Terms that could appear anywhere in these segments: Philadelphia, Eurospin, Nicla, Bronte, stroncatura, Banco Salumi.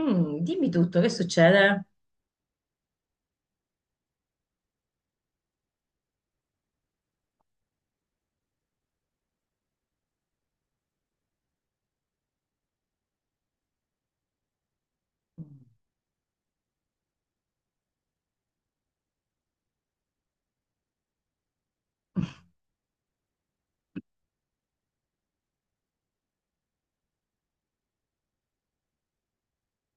Dimmi tutto, che succede?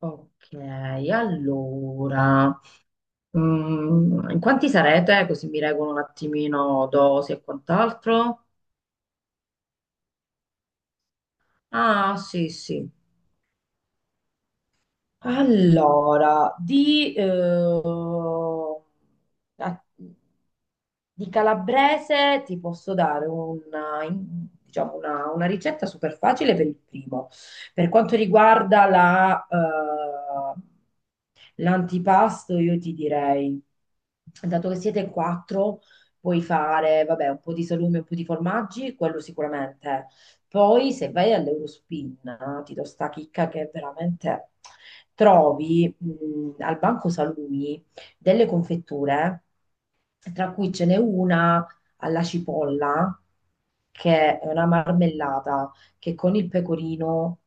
Ok, allora, in quanti sarete? Così mi regolo un attimino dosi e quant'altro. Ah, sì, sì. Allora, a- di calabrese ti posso dare diciamo una ricetta super facile per il primo. Per quanto riguarda l'antipasto, io ti direi, dato che siete in quattro, puoi fare, vabbè, un po' di salume, un po' di formaggi, quello sicuramente. Poi se vai all'Eurospin, ti do sta chicca che veramente trovi al Banco Salumi delle confetture tra cui ce n'è una alla cipolla, che è una marmellata che con il pecorino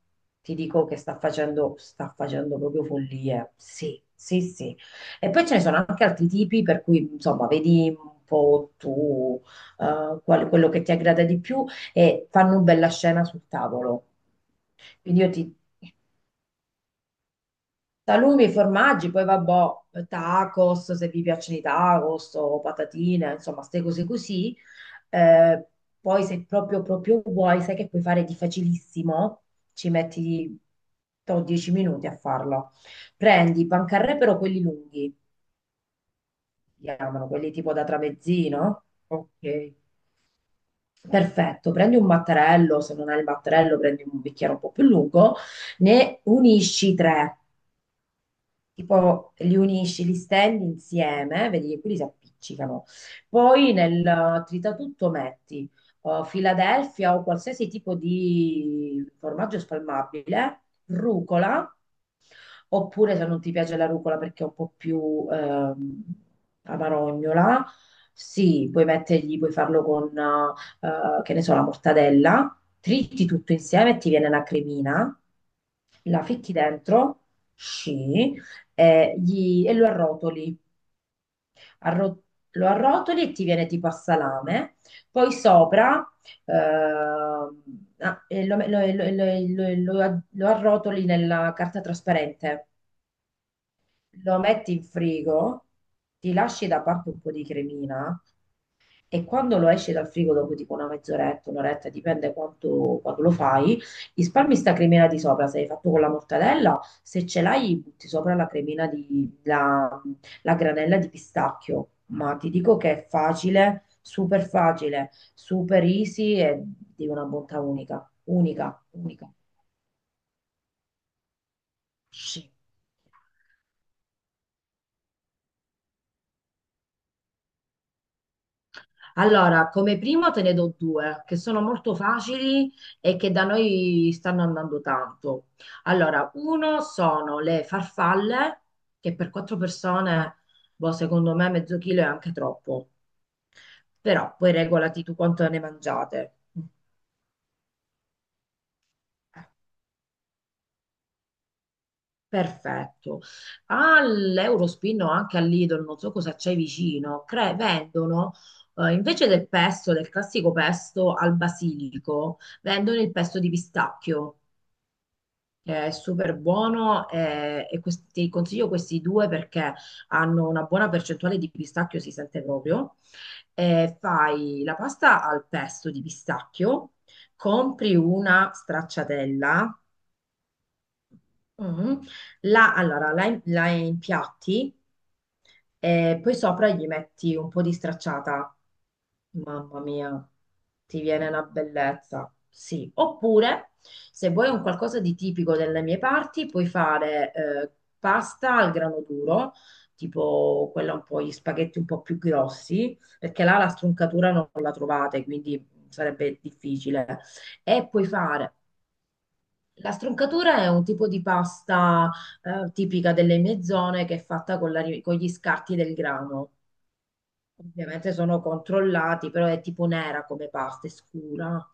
ti dico che sta facendo proprio follie. Sì, sì, sì. E poi ce ne sono anche altri tipi, per cui insomma, vedi un po' tu quello che ti aggrada di più e fanno una bella scena sul tavolo. Quindi io ti Salumi, formaggi, poi vabbè, tacos, se vi piacciono i tacos o patatine, insomma, queste cose così. Eh, poi se proprio, proprio vuoi, sai che puoi fare di facilissimo, ci metti 10 minuti a farlo. Prendi i pancarré, però quelli lunghi, chiamano, quelli tipo da tramezzino. Ok. Perfetto, prendi un mattarello, se non hai il mattarello prendi un bicchiere un po' più lungo, ne unisci tre. Tipo li unisci, li stendi insieme, vedi che quelli si appiccicano. Poi nel tritatutto metti Philadelphia o qualsiasi tipo di formaggio spalmabile, rucola, oppure se non ti piace la rucola perché è un po' più amarognola, sì, puoi mettergli, puoi farlo con che ne so, la mortadella, triti tutto insieme e ti viene la cremina, la fitti dentro, sì, e lo arrotoli. Arro- Lo arrotoli e ti viene tipo a salame. Poi sopra ehm, e lo arrotoli nella carta trasparente. Lo metti in frigo, ti lasci da parte un po' di cremina e quando lo esci dal frigo dopo tipo una mezz'oretta, un'oretta, dipende quanto, quando lo fai, risparmi sta cremina di sopra, se l'hai fatto con la mortadella, se ce l'hai butti sopra la cremina di, la granella di pistacchio, ma ti dico che è facile, super easy e di una bontà unica, unica, unica. Sì. Allora, come primo te ne do due che sono molto facili e che da noi stanno andando tanto. Allora, uno sono le farfalle, che per quattro persone, boh, secondo me mezzo chilo è anche troppo, però poi regolati tu quanto ne mangiate. Perfetto. All'Eurospin o anche all'Idol, non so cosa c'è vicino, vendono invece del pesto, del classico pesto al basilico, vendono il pesto di pistacchio. Che è super buono e ti consiglio questi due perché hanno una buona percentuale di pistacchio, si sente proprio. Fai la pasta al pesto di pistacchio, compri una stracciatella. Mm. Allora, la impiatti e poi sopra gli metti un po' di stracciata. Mamma mia, ti viene una bellezza. Sì, oppure se vuoi un qualcosa di tipico delle mie parti, puoi fare pasta al grano duro, tipo quella un po' gli spaghetti un po' più grossi, perché là la struncatura non la trovate, quindi sarebbe difficile. E puoi fare la stroncatura è un tipo di pasta tipica delle mie zone che è fatta con gli scarti del grano. Ovviamente sono controllati, però è tipo nera come pasta, è scura, no?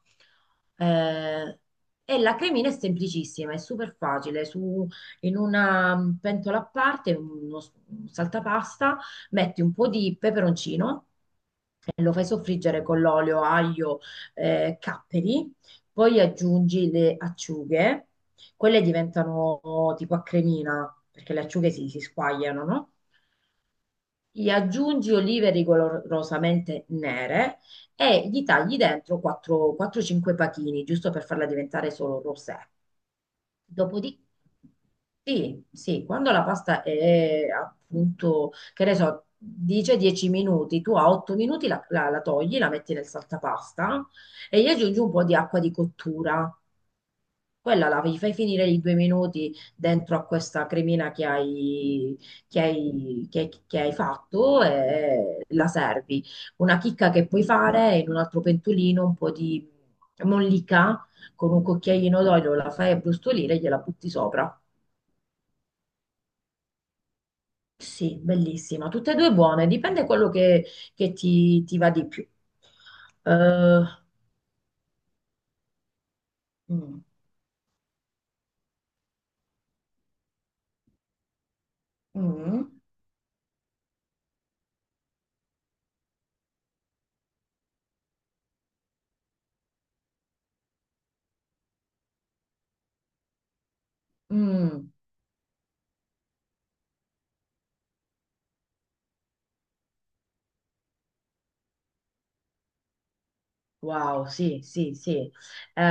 Eh, e la cremina è semplicissima, è super facile. Su, in una pentola a parte, un saltapasta, metti un po' di peperoncino e lo fai soffriggere con l'olio, aglio, capperi, poi aggiungi le acciughe, quelle diventano tipo a cremina, perché le acciughe si squagliano, no? Gli aggiungi olive rigorosamente nere e gli tagli dentro 4-5 pachini, giusto per farla diventare solo rosé. Dopodiché, sì, sì, quando la pasta è appunto, che ne so, dice 10 minuti, tu a 8 minuti la togli, la metti nel saltapasta e gli aggiungi un po' di acqua di cottura. Quella la gli fai finire i 2 minuti dentro a questa cremina che hai fatto e la servi. Una chicca che puoi fare è in un altro pentolino un po' di mollica con un cucchiaino d'olio, la fai abbrustolire e gliela butti sopra. Sì, bellissima. Tutte e due buone, dipende quello che ti va di più. Eh, mm, mm, mm. Wow, sì, sì, sì. Eh,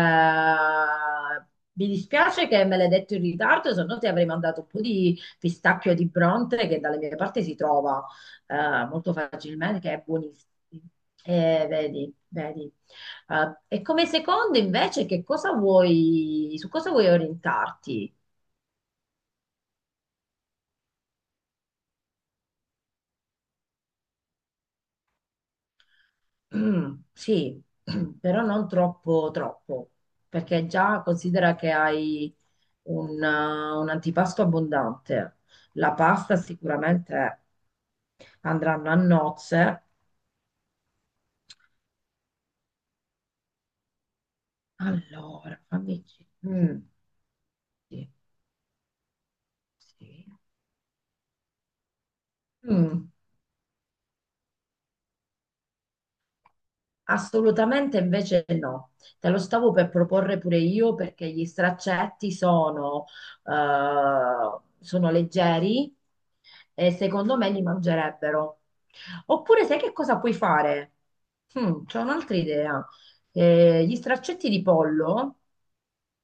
mi dispiace che me l'hai detto in ritardo, se no ti avrei mandato un po' di pistacchio di Bronte che dalle mie parti si trova molto facilmente, che è buonissimo. Vedi, vedi. E come secondo invece, che cosa vuoi, su cosa vuoi orientarti? Mm, sì, però non troppo, troppo, perché già considera che hai un, eh, un antipasto abbondante. La pasta sicuramente andranno a nozze. Allora, fammi. Mm, sì, sì. Mm. Assolutamente invece no, te lo stavo per proporre pure io perché gli straccetti sono, sono leggeri e secondo me li mangerebbero. Oppure sai che cosa puoi fare? C'ho un'altra idea. Gli straccetti di pollo,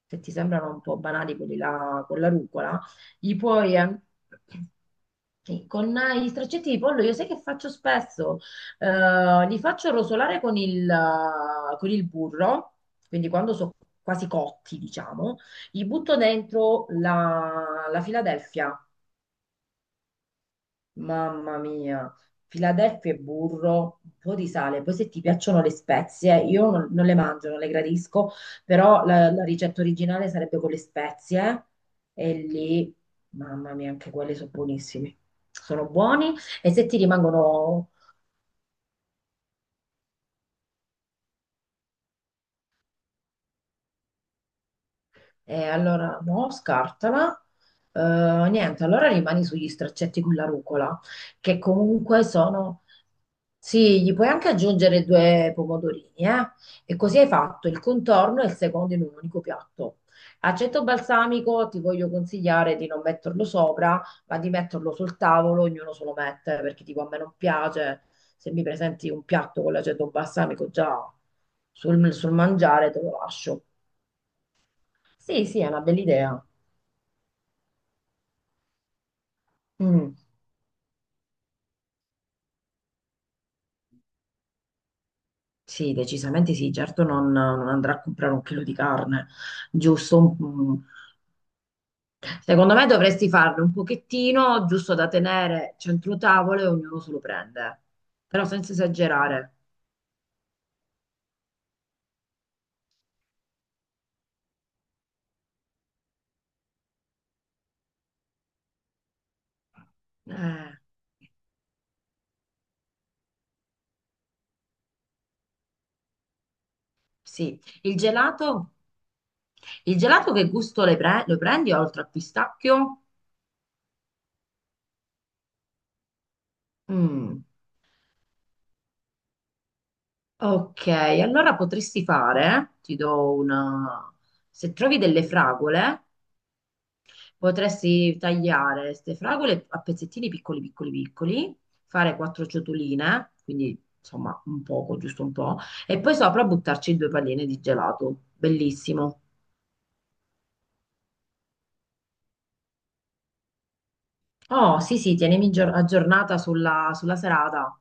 se ti sembrano un po' banali quelli là con la rucola, gli puoi. Sì, Con gli straccetti di pollo io sai che faccio spesso? Li faccio rosolare con il burro, quindi quando sono quasi cotti, diciamo, gli butto dentro la Philadelphia. Mamma mia, Philadelphia e burro, un po' di sale. Poi se ti piacciono le spezie, io non le mangio, non le gradisco, però la ricetta originale sarebbe con le spezie e lì, mamma mia, anche quelle sono buonissime. Sono buoni e se ti rimangono. E allora, no, scartala. Eh, niente, allora rimani sugli straccetti con la rucola, che comunque sono. Sì, gli puoi anche aggiungere due pomodorini, eh? E così hai fatto il contorno e il secondo in un unico piatto. Aceto balsamico, ti voglio consigliare di non metterlo sopra, ma di metterlo sul tavolo, ognuno se lo mette, perché tipo a me non piace, se mi presenti un piatto con l'aceto balsamico già sul mangiare, te lo lascio. Sì, sì, è una bella idea. Mm, sì, decisamente sì, certo non andrà a comprare un chilo di carne, giusto? Secondo me dovresti farne un pochettino, giusto da tenere centro tavolo e ognuno se lo prende, però senza esagerare. Eh, sì, il gelato che gusto lo prendi oltre al pistacchio? Mm, ok, allora potresti fare, ti do una. Se trovi delle fragole, potresti tagliare queste fragole a pezzettini piccoli, piccoli, piccoli, fare quattro ciotoline, quindi insomma un poco, giusto un po', e poi sopra buttarci due palline di gelato. Bellissimo. Oh, sì, sì, tienimi aggiornata sulla serata.